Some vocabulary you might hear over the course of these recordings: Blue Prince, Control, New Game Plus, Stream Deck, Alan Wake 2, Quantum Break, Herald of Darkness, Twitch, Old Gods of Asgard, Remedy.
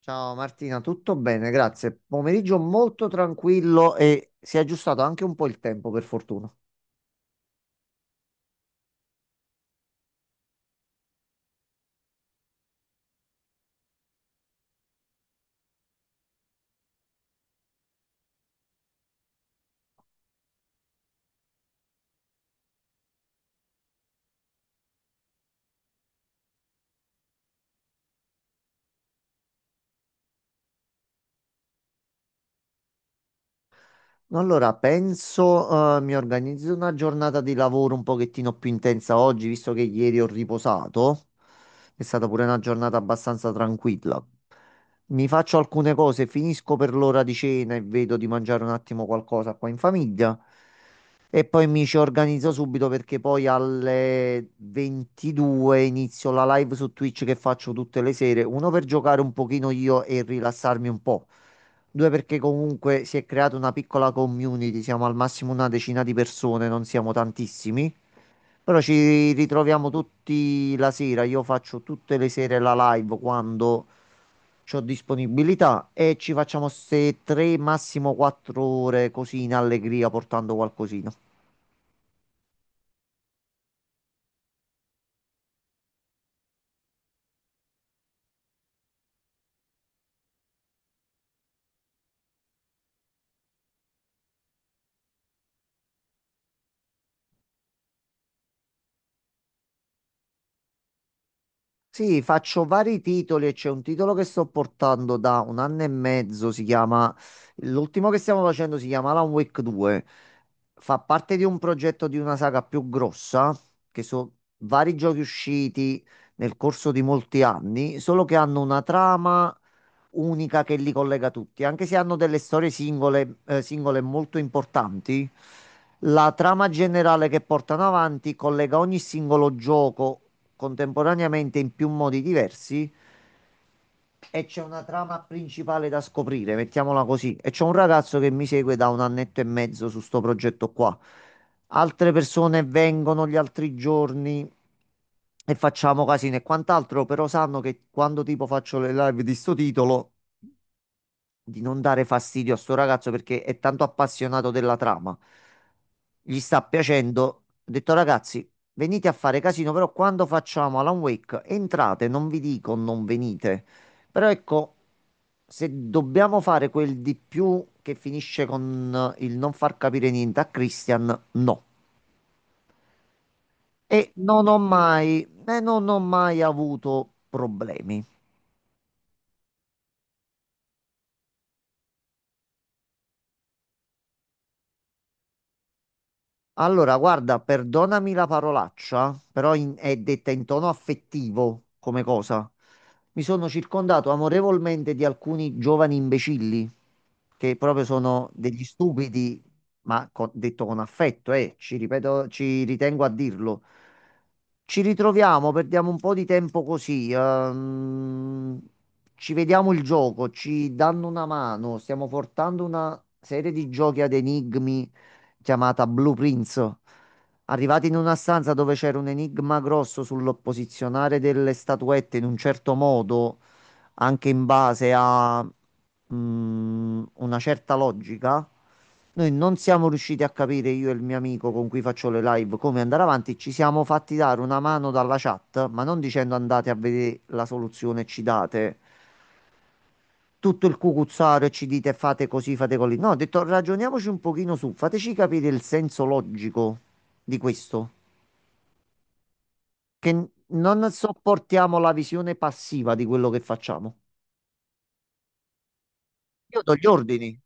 Ciao Martina, tutto bene, grazie. Pomeriggio molto tranquillo e si è aggiustato anche un po' il tempo, per fortuna. Allora, penso, mi organizzo una giornata di lavoro un pochettino più intensa oggi, visto che ieri ho riposato. È stata pure una giornata abbastanza tranquilla. Mi faccio alcune cose, finisco per l'ora di cena e vedo di mangiare un attimo qualcosa qua in famiglia. E poi mi ci organizzo subito perché poi alle 22 inizio la live su Twitch che faccio tutte le sere. Uno, per giocare un pochino io e rilassarmi un po'. Due, perché comunque si è creata una piccola community, siamo al massimo una decina di persone, non siamo tantissimi, però ci ritroviamo tutti la sera, io faccio tutte le sere la live quando ho disponibilità e ci facciamo queste tre, massimo quattro ore così in allegria, portando qualcosina. Sì, faccio vari titoli e c'è un titolo che sto portando da un anno e mezzo, si chiama, l'ultimo che stiamo facendo si chiama Alan Wake 2, fa parte di un progetto di una saga più grossa, che sono vari giochi usciti nel corso di molti anni, solo che hanno una trama unica che li collega tutti, anche se hanno delle storie singole, singole molto importanti. La trama generale che portano avanti collega ogni singolo gioco contemporaneamente in più modi diversi e c'è una trama principale da scoprire, mettiamola così. E c'è un ragazzo che mi segue da un annetto e mezzo su sto progetto qua. Altre persone vengono gli altri giorni e facciamo casino e quant'altro, però sanno che quando tipo faccio le live di sto titolo di non dare fastidio a sto ragazzo perché è tanto appassionato della trama. Gli sta piacendo. Ho detto: ragazzi, venite a fare casino, però quando facciamo Alan Wake, entrate, non vi dico non venite. Però ecco, se dobbiamo fare quel di più che finisce con il non far capire niente a Christian, no. E non ho mai, non ho mai avuto problemi. Allora, guarda, perdonami la parolaccia, però è detta in tono affettivo come cosa. Mi sono circondato amorevolmente di alcuni giovani imbecilli, che proprio sono degli stupidi, ma detto con affetto, ci ripeto, ci ritengo a dirlo. Ci ritroviamo, perdiamo un po' di tempo così, ci vediamo il gioco, ci danno una mano, stiamo portando una serie di giochi ad enigmi chiamata Blue Prince. Arrivati in una stanza dove c'era un enigma grosso sul posizionare delle statuette in un certo modo, anche in base a una certa logica, noi non siamo riusciti a capire, io e il mio amico con cui faccio le live, come andare avanti. Ci siamo fatti dare una mano dalla chat, ma non dicendo andate a vedere la soluzione e ci date tutto il cucuzzaro e ci dite fate così, fate così. No, ho detto ragioniamoci un pochino su, fateci capire il senso logico di questo, che non sopportiamo la visione passiva di quello che facciamo. Io do gli ordini,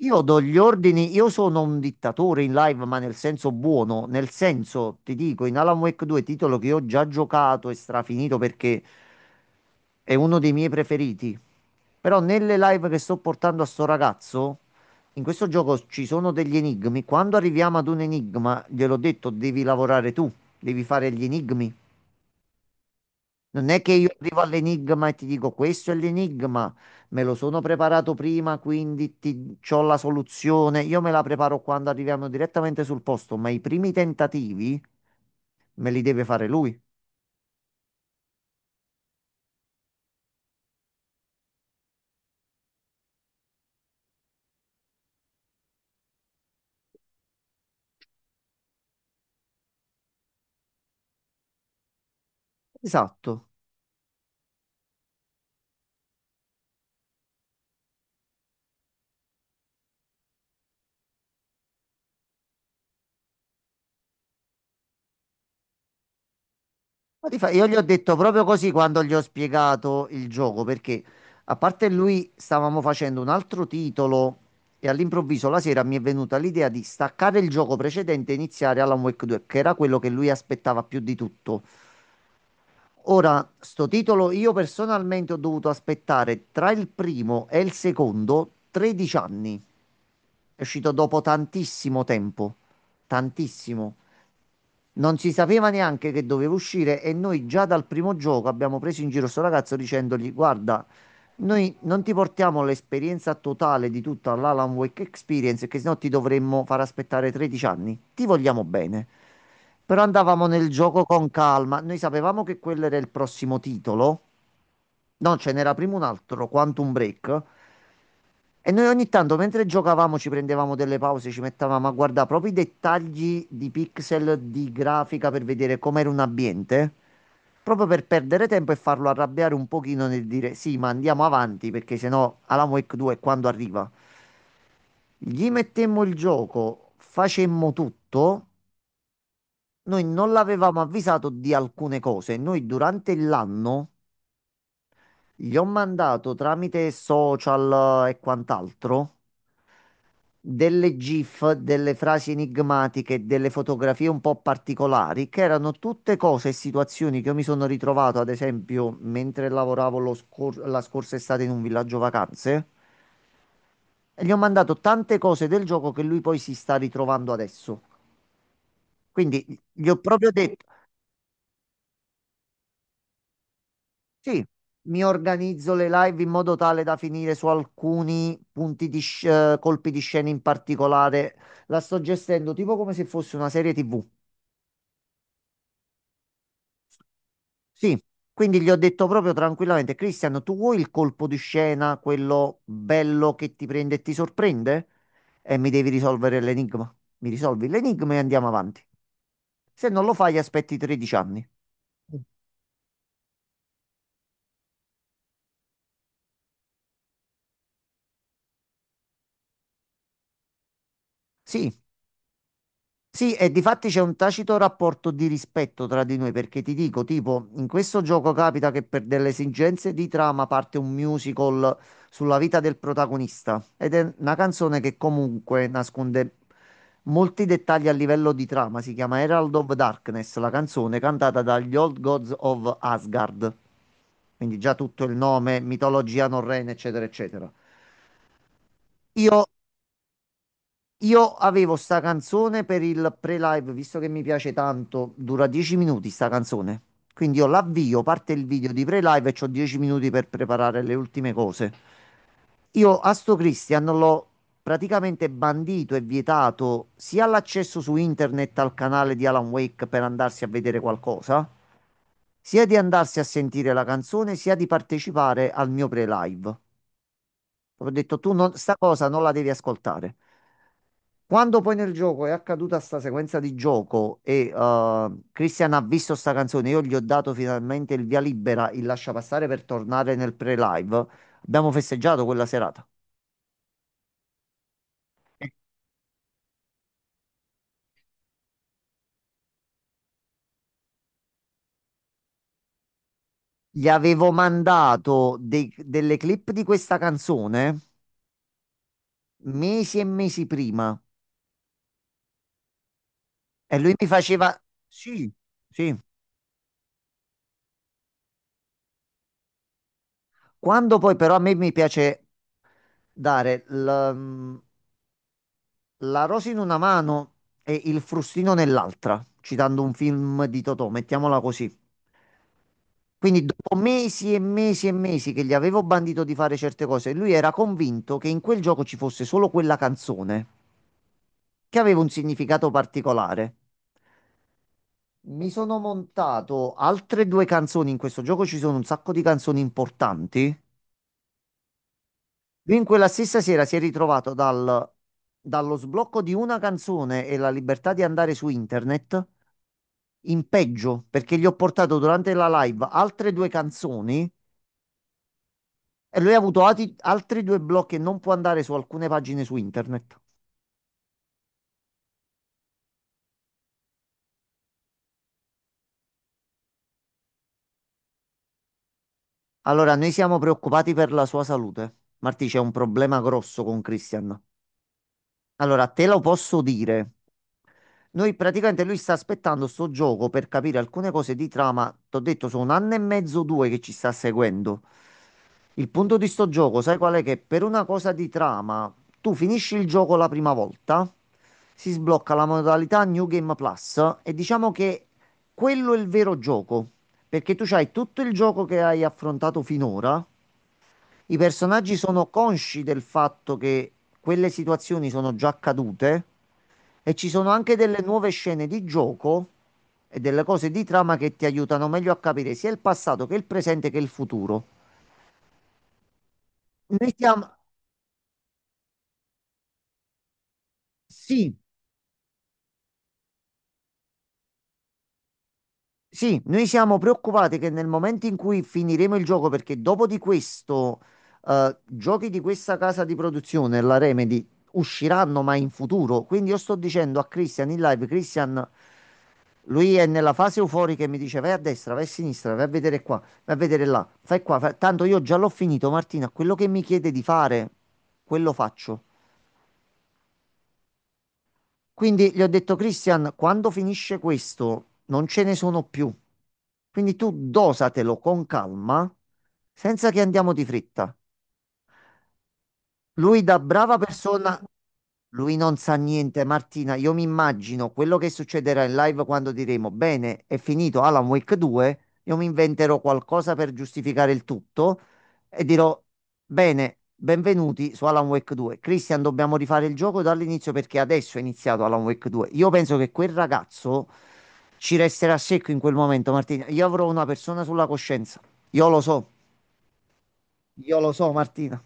Io do gli ordini, io sono un dittatore in live, ma nel senso buono, nel senso, ti dico, in Alan Wake 2, titolo che ho già giocato e strafinito perché è uno dei miei preferiti. Però nelle live che sto portando a sto ragazzo, in questo gioco ci sono degli enigmi. Quando arriviamo ad un enigma, gliel'ho detto, devi lavorare tu, devi fare gli enigmi. Non è che io arrivo all'enigma e ti dico questo è l'enigma, me lo sono preparato prima, quindi ti, c'ho la soluzione. Io me la preparo quando arriviamo direttamente sul posto, ma i primi tentativi me li deve fare lui. Esatto. Ma io gli ho detto proprio così quando gli ho spiegato il gioco, perché a parte lui stavamo facendo un altro titolo e all'improvviso la sera mi è venuta l'idea di staccare il gioco precedente e iniziare Alan Wake 2, che era quello che lui aspettava più di tutto. Ora, sto titolo io personalmente ho dovuto aspettare tra il primo e il secondo 13 anni. È uscito dopo tantissimo tempo. Tantissimo. Non si sapeva neanche che doveva uscire e noi già dal primo gioco abbiamo preso in giro sto ragazzo dicendogli: guarda, noi non ti portiamo l'esperienza totale di tutta l'Alan Wake Experience, che sennò ti dovremmo far aspettare 13 anni. Ti vogliamo bene. Però andavamo nel gioco con calma. Noi sapevamo che quello era il prossimo titolo. No, ce n'era prima un altro, Quantum Break. E noi ogni tanto mentre giocavamo ci prendevamo delle pause, ci mettevamo a guardare proprio i dettagli di pixel di grafica per vedere com'era un ambiente, proprio per perdere tempo e farlo arrabbiare un pochino nel dire sì, ma andiamo avanti perché sennò Alan Wake 2 quando arriva. Gli mettemmo il gioco, facemmo tutto, noi non l'avevamo avvisato di alcune cose, noi durante l'anno gli ho mandato tramite social e quant'altro delle GIF, delle frasi enigmatiche, delle fotografie un po' particolari, che erano tutte cose e situazioni che io mi sono ritrovato, ad esempio, mentre lavoravo la scorsa estate in un villaggio vacanze, e gli ho mandato tante cose del gioco che lui poi si sta ritrovando adesso. Quindi gli ho proprio detto, sì, mi organizzo le live in modo tale da finire su alcuni punti di colpi di scena in particolare. La sto gestendo tipo come se fosse una serie TV. Sì, quindi gli ho detto proprio tranquillamente: Cristian, tu vuoi il colpo di scena, quello bello che ti prende e ti sorprende? E mi devi risolvere l'enigma. Mi risolvi l'enigma e andiamo avanti. Se non lo fai, aspetti 13 anni. Sì, Sì, e difatti c'è un tacito rapporto di rispetto tra di noi, perché ti dico, tipo, in questo gioco capita che per delle esigenze di trama parte un musical sulla vita del protagonista ed è una canzone che comunque nasconde molti dettagli a livello di trama. Si chiama Herald of Darkness, la canzone cantata dagli Old Gods of Asgard. Quindi già tutto il nome, mitologia norrena, eccetera, eccetera. Io io avevo sta canzone per il pre-live, visto che mi piace tanto, dura 10 minuti sta canzone. Quindi io l'avvio, parte il video di pre-live e c'ho 10 minuti per preparare le ultime cose. Io a sto Christian l'ho praticamente bandito e vietato sia l'accesso su internet al canale di Alan Wake per andarsi a vedere qualcosa, sia di andarsi a sentire la canzone, sia di partecipare al mio pre-live. Ho detto, tu non, sta cosa non la devi ascoltare. Quando poi nel gioco è accaduta sta sequenza di gioco e Christian ha visto sta canzone, io gli ho dato finalmente il via libera, il lascia passare per tornare nel pre-live. Abbiamo festeggiato quella serata. Gli avevo mandato delle clip di questa canzone mesi e mesi prima e lui mi faceva sì, sì. Quando poi però a me mi piace dare la rosa in una mano e il frustino nell'altra, citando un film di Totò, mettiamola così. Quindi dopo mesi e mesi e mesi che gli avevo bandito di fare certe cose, lui era convinto che in quel gioco ci fosse solo quella canzone, che aveva un significato particolare. Mi sono montato altre due canzoni, in questo gioco ci sono un sacco di canzoni importanti. Lui in quella stessa sera si è ritrovato dallo sblocco di una canzone e la libertà di andare su internet in peggio, perché gli ho portato durante la live altre due canzoni e lui ha avuto altri due blocchi e non può andare su alcune pagine su internet. Allora, noi siamo preoccupati per la sua salute. Marti, c'è un problema grosso con Christian. Allora, te lo posso dire. Noi praticamente lui sta aspettando sto gioco per capire alcune cose di trama. T'ho detto, sono un anno e mezzo, due che ci sta seguendo. Il punto di sto gioco, sai qual è? Che per una cosa di trama, tu finisci il gioco la prima volta, si sblocca la modalità New Game Plus e diciamo che quello è il vero gioco, perché tu hai tutto il gioco che hai affrontato finora, i personaggi sono consci del fatto che quelle situazioni sono già accadute e ci sono anche delle nuove scene di gioco e delle cose di trama che ti aiutano meglio a capire sia il passato che il presente che il futuro. Noi stiamo, sì, Sì, noi siamo preoccupati che nel momento in cui finiremo il gioco, perché dopo di questo, giochi di questa casa di produzione, la Remedy, usciranno ma in futuro. Quindi io sto dicendo a Christian in live: Christian, lui è nella fase euforica e mi dice vai a destra, vai a sinistra, vai a vedere qua, vai a vedere là, fai qua, Tanto io già l'ho finito, Martina, quello che mi chiede di fare, quello faccio. Quindi gli ho detto, Christian, quando finisce questo non ce ne sono più. Quindi tu dosatelo con calma, senza che andiamo di fretta. Lui da brava persona, lui non sa niente. Martina, io mi immagino quello che succederà in live quando diremo, bene, è finito Alan Wake 2, io mi inventerò qualcosa per giustificare il tutto e dirò, bene, benvenuti su Alan Wake 2. Christian, dobbiamo rifare il gioco dall'inizio perché adesso è iniziato Alan Wake 2. Io penso che quel ragazzo ci resterà secco in quel momento, Martina. Io avrò una persona sulla coscienza. Io lo so, io lo so, Martina.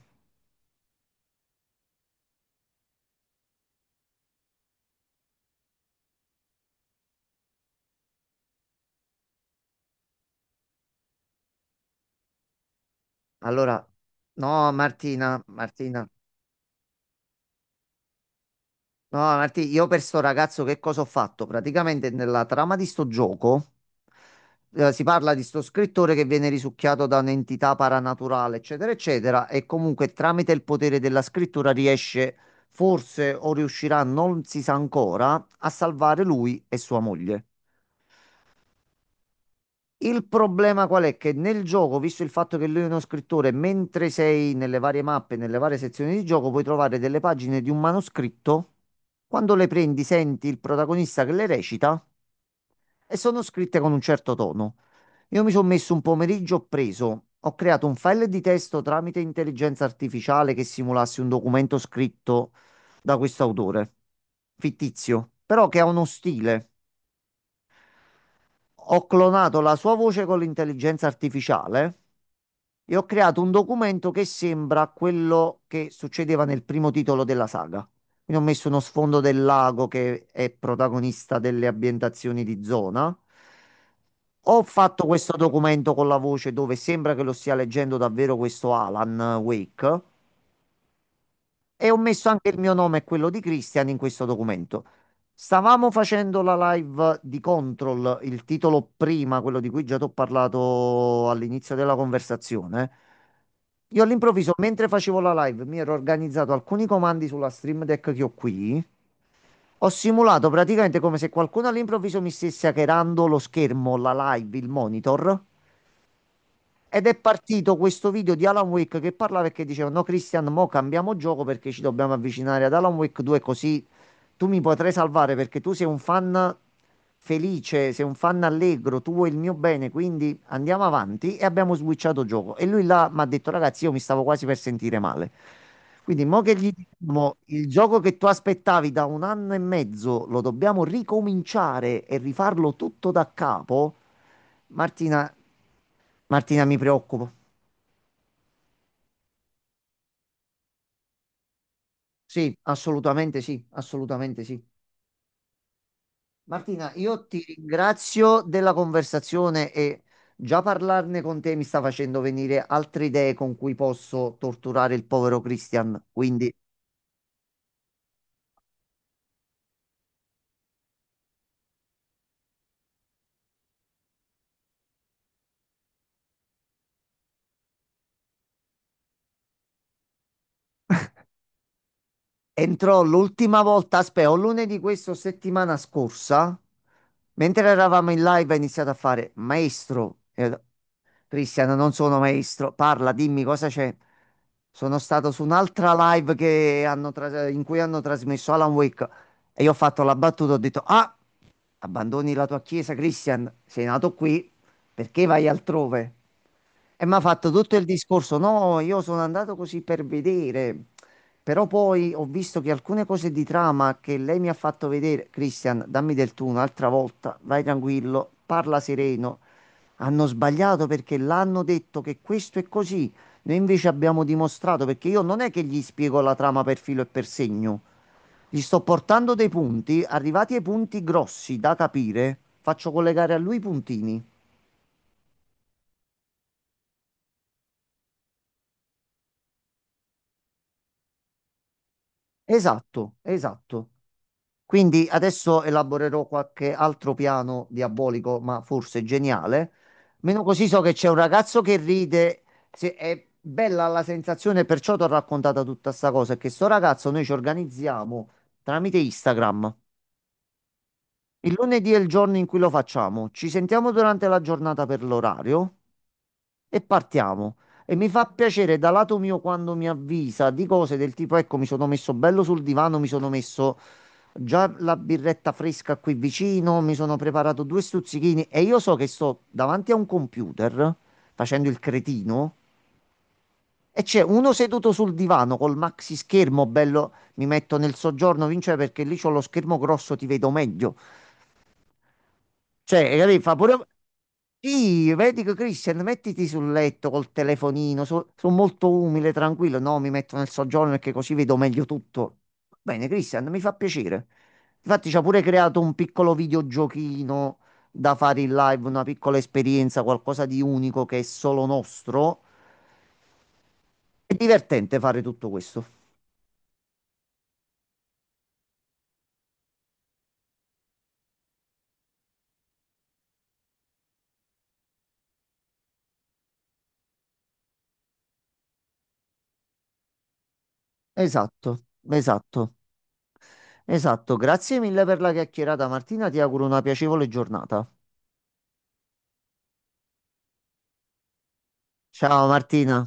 Allora, no, Martina, Martina, no, Martina, io per sto ragazzo che cosa ho fatto? Praticamente nella trama di sto gioco si parla di sto scrittore che viene risucchiato da un'entità paranaturale, eccetera, eccetera, e comunque tramite il potere della scrittura riesce, forse o riuscirà, non si sa ancora, a salvare lui e sua moglie. Il problema qual è? Che nel gioco, visto il fatto che lui è uno scrittore, mentre sei nelle varie mappe, nelle varie sezioni di gioco, puoi trovare delle pagine di un manoscritto. Quando le prendi, senti il protagonista che le recita e sono scritte con un certo tono. Io mi sono messo un pomeriggio, ho preso, ho creato un file di testo tramite intelligenza artificiale che simulasse un documento scritto da questo autore, fittizio, però che ha uno stile. Ho clonato la sua voce con l'intelligenza artificiale e ho creato un documento che sembra quello che succedeva nel primo titolo della saga. Quindi ho messo uno sfondo del lago che è protagonista delle ambientazioni di zona. Ho fatto questo documento con la voce dove sembra che lo stia leggendo davvero questo Alan Wake e ho messo anche il mio nome e quello di Christian in questo documento. Stavamo facendo la live di Control, il titolo prima, quello di cui già ti ho parlato all'inizio della conversazione. Io all'improvviso, mentre facevo la live, mi ero organizzato alcuni comandi sulla Stream Deck che ho qui. Ho simulato praticamente come se qualcuno all'improvviso mi stesse hackerando lo schermo, la live, il monitor. Ed è partito questo video di Alan Wake che parlava e che diceva: "No, Christian, mo cambiamo gioco perché ci dobbiamo avvicinare ad Alan Wake 2, così tu mi potrai salvare perché tu sei un fan felice, sei un fan allegro, tu vuoi il mio bene, quindi andiamo avanti" e abbiamo switchato gioco. E lui là mi ha detto, ragazzi, io mi stavo quasi per sentire male. Quindi, mo che gli diciamo, il gioco che tu aspettavi da un anno e mezzo lo dobbiamo ricominciare e rifarlo tutto da capo, Martina, Martina mi preoccupo. Sì, assolutamente sì, assolutamente sì. Martina, io ti ringrazio della conversazione e già parlarne con te mi sta facendo venire altre idee con cui posso torturare il povero Christian. Quindi entrò l'ultima volta, aspetta, o lunedì questo settimana scorsa, mentre eravamo in live, ha iniziato a fare maestro. E ho detto, Christian, non sono maestro, parla, dimmi cosa c'è. Sono stato su un'altra live che hanno in cui hanno trasmesso Alan Wake e io ho fatto la battuta, ho detto, ah, abbandoni la tua chiesa, Christian, sei nato qui, perché vai altrove? E mi ha fatto tutto il discorso, no, io sono andato così per vedere, però poi ho visto che alcune cose di trama che lei mi ha fatto vedere, Christian, dammi del tu un'altra volta, vai tranquillo, parla sereno, hanno sbagliato perché l'hanno detto che questo è così. Noi invece abbiamo dimostrato, perché io non è che gli spiego la trama per filo e per segno. Gli sto portando dei punti, arrivati ai punti grossi da capire, faccio collegare a lui i puntini. Esatto, esatto. Quindi adesso elaborerò qualche altro piano diabolico, ma forse geniale. Meno così so che c'è un ragazzo che ride, è bella la sensazione, perciò ti ho raccontato tutta sta cosa, è che sto ragazzo noi ci organizziamo tramite Instagram. Il lunedì è il giorno in cui lo facciamo, ci sentiamo durante la giornata per l'orario e partiamo. E mi fa piacere da lato mio quando mi avvisa di cose del tipo, ecco, mi sono messo bello sul divano, mi sono messo già la birretta fresca qui vicino, mi sono preparato due stuzzichini e io so che sto davanti a un computer facendo il cretino e c'è uno seduto sul divano col maxi schermo bello, mi metto nel soggiorno, vince perché lì c'ho lo schermo grosso, ti vedo meglio. Cioè, capì? Fa pure... Sì, vedi che Christian, mettiti sul letto col telefonino, sono molto umile, tranquillo, no, mi metto nel soggiorno perché così vedo meglio tutto. Bene, Christian, mi fa piacere. Infatti ci ha pure creato un piccolo videogiochino da fare in live, una piccola esperienza, qualcosa di unico che è solo nostro. È divertente fare tutto questo. Esatto, esatto, esatto. Grazie mille per la chiacchierata, Martina, ti auguro una piacevole giornata. Ciao Martina.